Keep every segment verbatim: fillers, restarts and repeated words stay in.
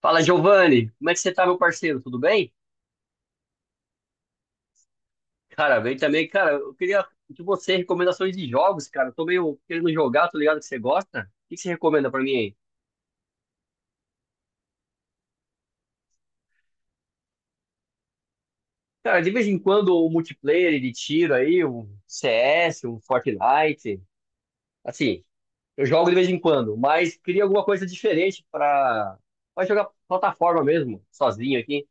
Fala, Giovanni. Como é que você tá, meu parceiro? Tudo bem? Cara, bem também. Cara, eu queria de você recomendações de jogos, cara. Eu tô meio querendo jogar, tô ligado que você gosta. O que que você recomenda pra mim aí? Cara, de vez em quando o multiplayer de tiro aí, um C S, um Fortnite. Assim, eu jogo de vez em quando, mas queria alguma coisa diferente pra, pra jogar plataforma mesmo, sozinho aqui.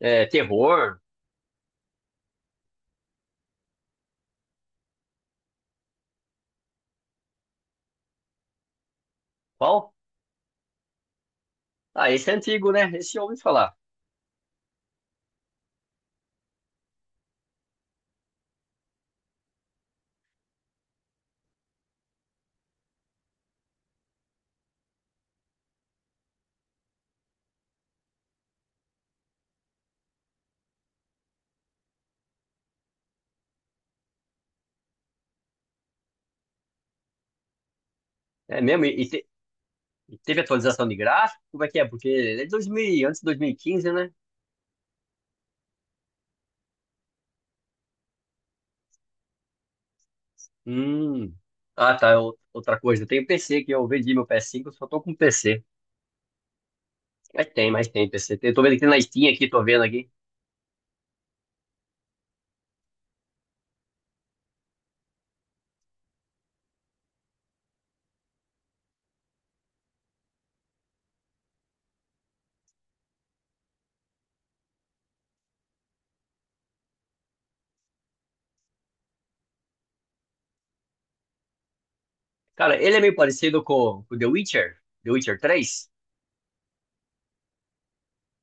É, terror. Qual? Ah, esse é antigo, né? Esse eu ouvi falar. É mesmo? E teve atualização de gráfico? Como é que é? Porque é de dois mil, antes de dois mil e quinze, né? Hum. Ah, tá. eu- Outra coisa, eu tenho P C que eu vendi meu P S cinco, eu só tô com P C. Mas tem, mas tem P C. Eu tô vendo que tem na Steam aqui, tô vendo aqui. Cara, ele é meio parecido com o The Witcher, The Witcher três.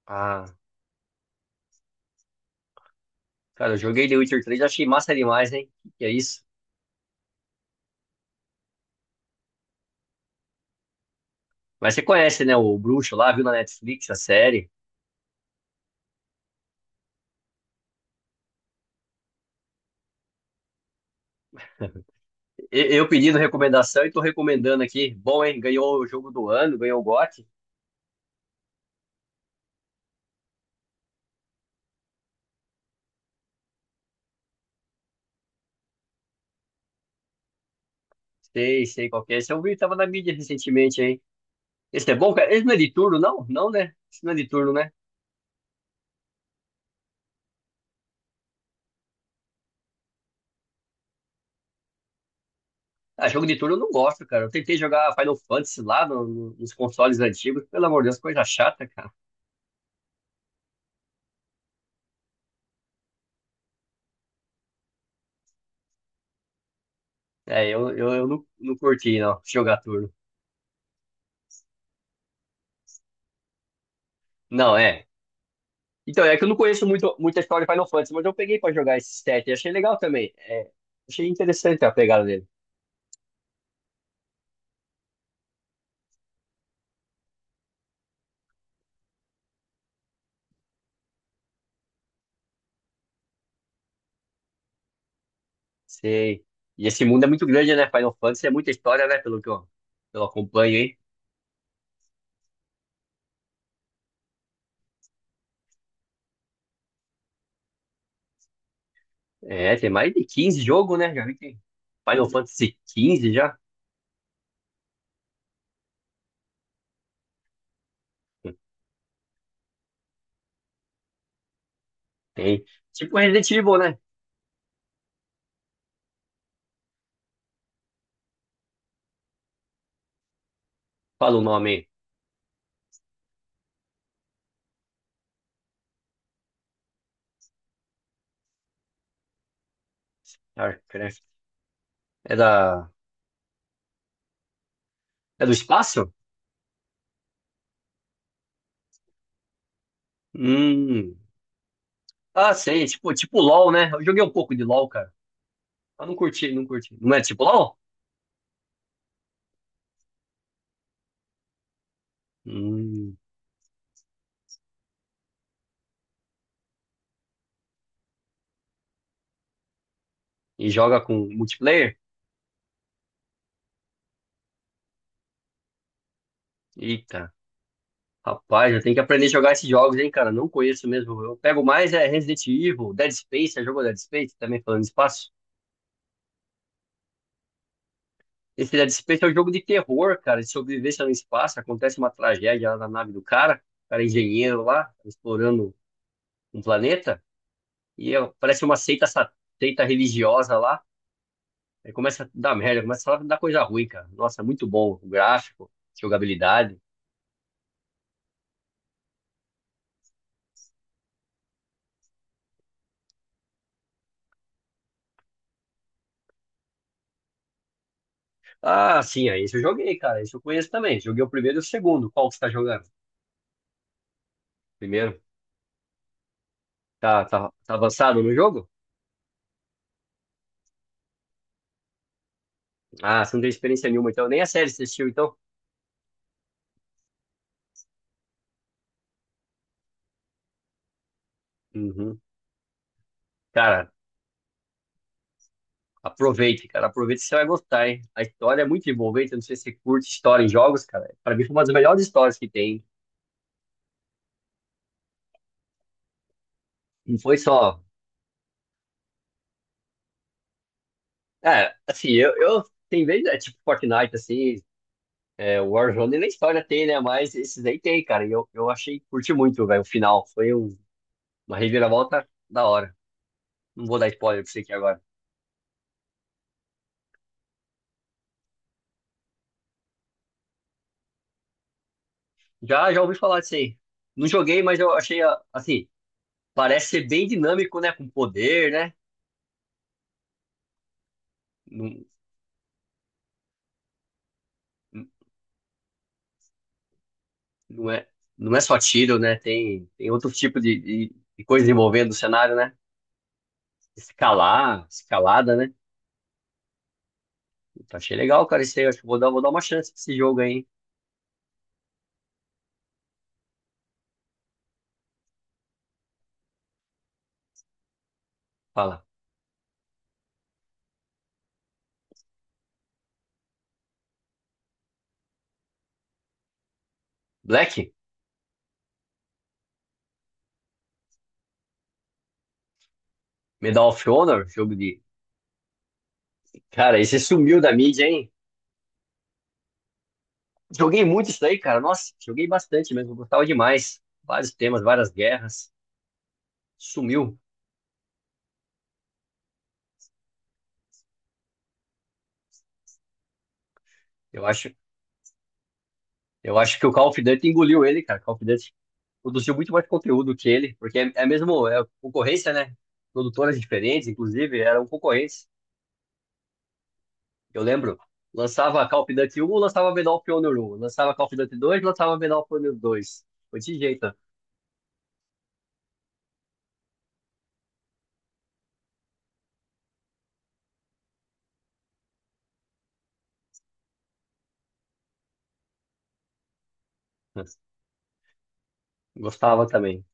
Ah, cara, eu joguei The Witcher três, achei massa demais, hein? Que que é isso? Mas você conhece, né, o Bruxo lá, viu na Netflix a série. E- Eu pedindo recomendação e tô recomendando aqui. Bom, hein? Ganhou o jogo do ano, ganhou o G O T. Sei, sei qual que é. Esse eu vi, tava na mídia recentemente aí. Esse é bom, cara? Esse não é de turno, não? Não, né? Esse não é de turno, né? Ah, jogo de turno eu não gosto, cara. Eu tentei jogar Final Fantasy lá no- no- nos consoles antigos. Pelo amor de Deus, coisa chata, cara. É, eu, eu, eu não, não curti, não, jogar turno. Não, é. Então, é que eu não conheço muito, muita história de Final Fantasy, mas eu peguei pra jogar esse set e achei legal também. É, achei interessante a pegada dele. Sei. E esse mundo é muito grande, né? Final Fantasy é muita história, né? Pelo que eu, eu acompanho aí. É, tem mais de quinze jogos, né? Já vi que Final Fantasy quinze já. Tem. Tipo Resident Evil, né? Fala o nome aí. StarCraft. É da. É do espaço? Hum. Ah, sei. Tipo, tipo LOL, né? Eu joguei um pouco de LOL, cara. Mas não curti, não curti. Não é tipo LOL? Hum. E joga com multiplayer? Eita. Rapaz, eu tenho que aprender a jogar esses jogos, hein, cara? Não conheço mesmo. Eu pego mais é Resident Evil, Dead Space. Já jogou Dead Space? Também falando de espaço? Esse Dead Space é um jogo de terror, cara, de sobrevivência no espaço. Acontece uma tragédia lá na nave do cara, o cara é engenheiro lá, explorando um planeta, e é- parece uma seita, sa- seita religiosa lá. Aí começa a dar merda, começa a dar coisa ruim, cara. Nossa, é muito bom o gráfico, jogabilidade. Ah, sim, aí esse eu joguei, cara. Esse eu conheço também. Joguei o primeiro e o segundo. Qual que você tá jogando? Primeiro? Tá, tá, tá avançado no jogo? Ah, você não tem experiência nenhuma, então. Nem a série você assistiu, então? Uhum. Cara, aproveite, cara. Aproveite, você vai gostar, hein? A história é muito envolvente. Eu não sei se você curte história em jogos, cara. Pra mim foi uma das melhores histórias que tem. Não foi só. É, assim, eu, eu tem vezes, é tipo Fortnite, assim, é, Warzone nem história tem, né? Mas esses aí tem, cara. E eu, eu achei, curti muito, velho, o final. Foi um- uma reviravolta da hora. Não vou dar spoiler pra você aqui agora. Já, já ouvi falar disso aí. Não joguei, mas eu achei, ah, assim, parece ser bem dinâmico, né? Com poder, né? Não- Não é, não é só tiro, né? Tem, tem outro tipo de, de, de coisa envolvendo o cenário, né? Escalar, escalada, né? Então, achei legal, cara. Isso aí, acho que vou dar, vou dar uma chance pra esse jogo aí, hein? Fala. Black? Medal of Honor? Jogo de. Cara, esse sumiu da mídia, hein? Joguei muito isso aí, cara. Nossa, joguei bastante mesmo. Gostava demais. Vários temas, várias guerras. Sumiu. Eu acho, eu acho que o Call of Duty engoliu ele, cara. Call of Duty produziu muito mais conteúdo que ele, porque é, é mesmo é concorrência, né? Produtoras diferentes, inclusive, eram concorrentes. Eu lembro, lançava Call of Duty um, lançava Medal of Honor um, lançava Call of Duty dois, lançava Medal of Honor dois. Foi de jeito, né? Gostava também.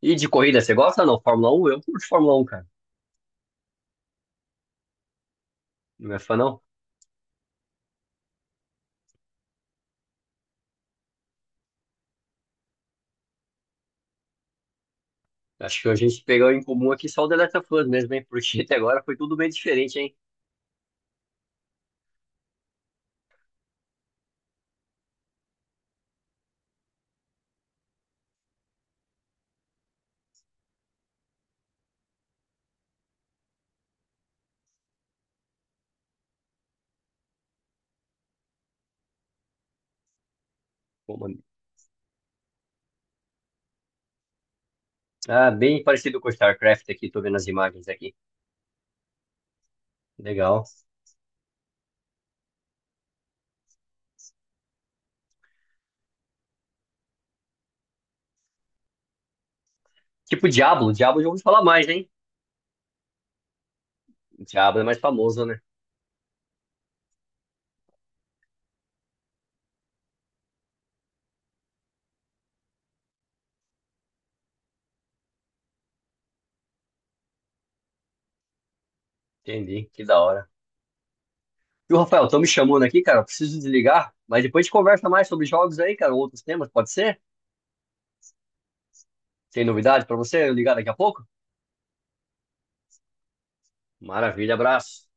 E de corrida, você gosta não? Fórmula um? Eu curto Fórmula um, cara. Não é fã, não? Acho que a gente pegou em comum aqui só o The Last of Us mesmo, hein? Porque até agora foi tudo bem diferente, hein? Pô, mano. Ah, bem parecido com StarCraft aqui, tô vendo as imagens aqui. Legal. Tipo Diablo, Diablo eu já ouvi falar mais, hein? O Diablo é mais famoso, né? Entendi, que da hora. E o Rafael, estão me chamando aqui, cara. Preciso desligar, mas depois a gente conversa mais sobre jogos aí, cara, outros temas, pode ser? Tem novidade pra você. Eu ligar daqui a pouco? Maravilha, abraço.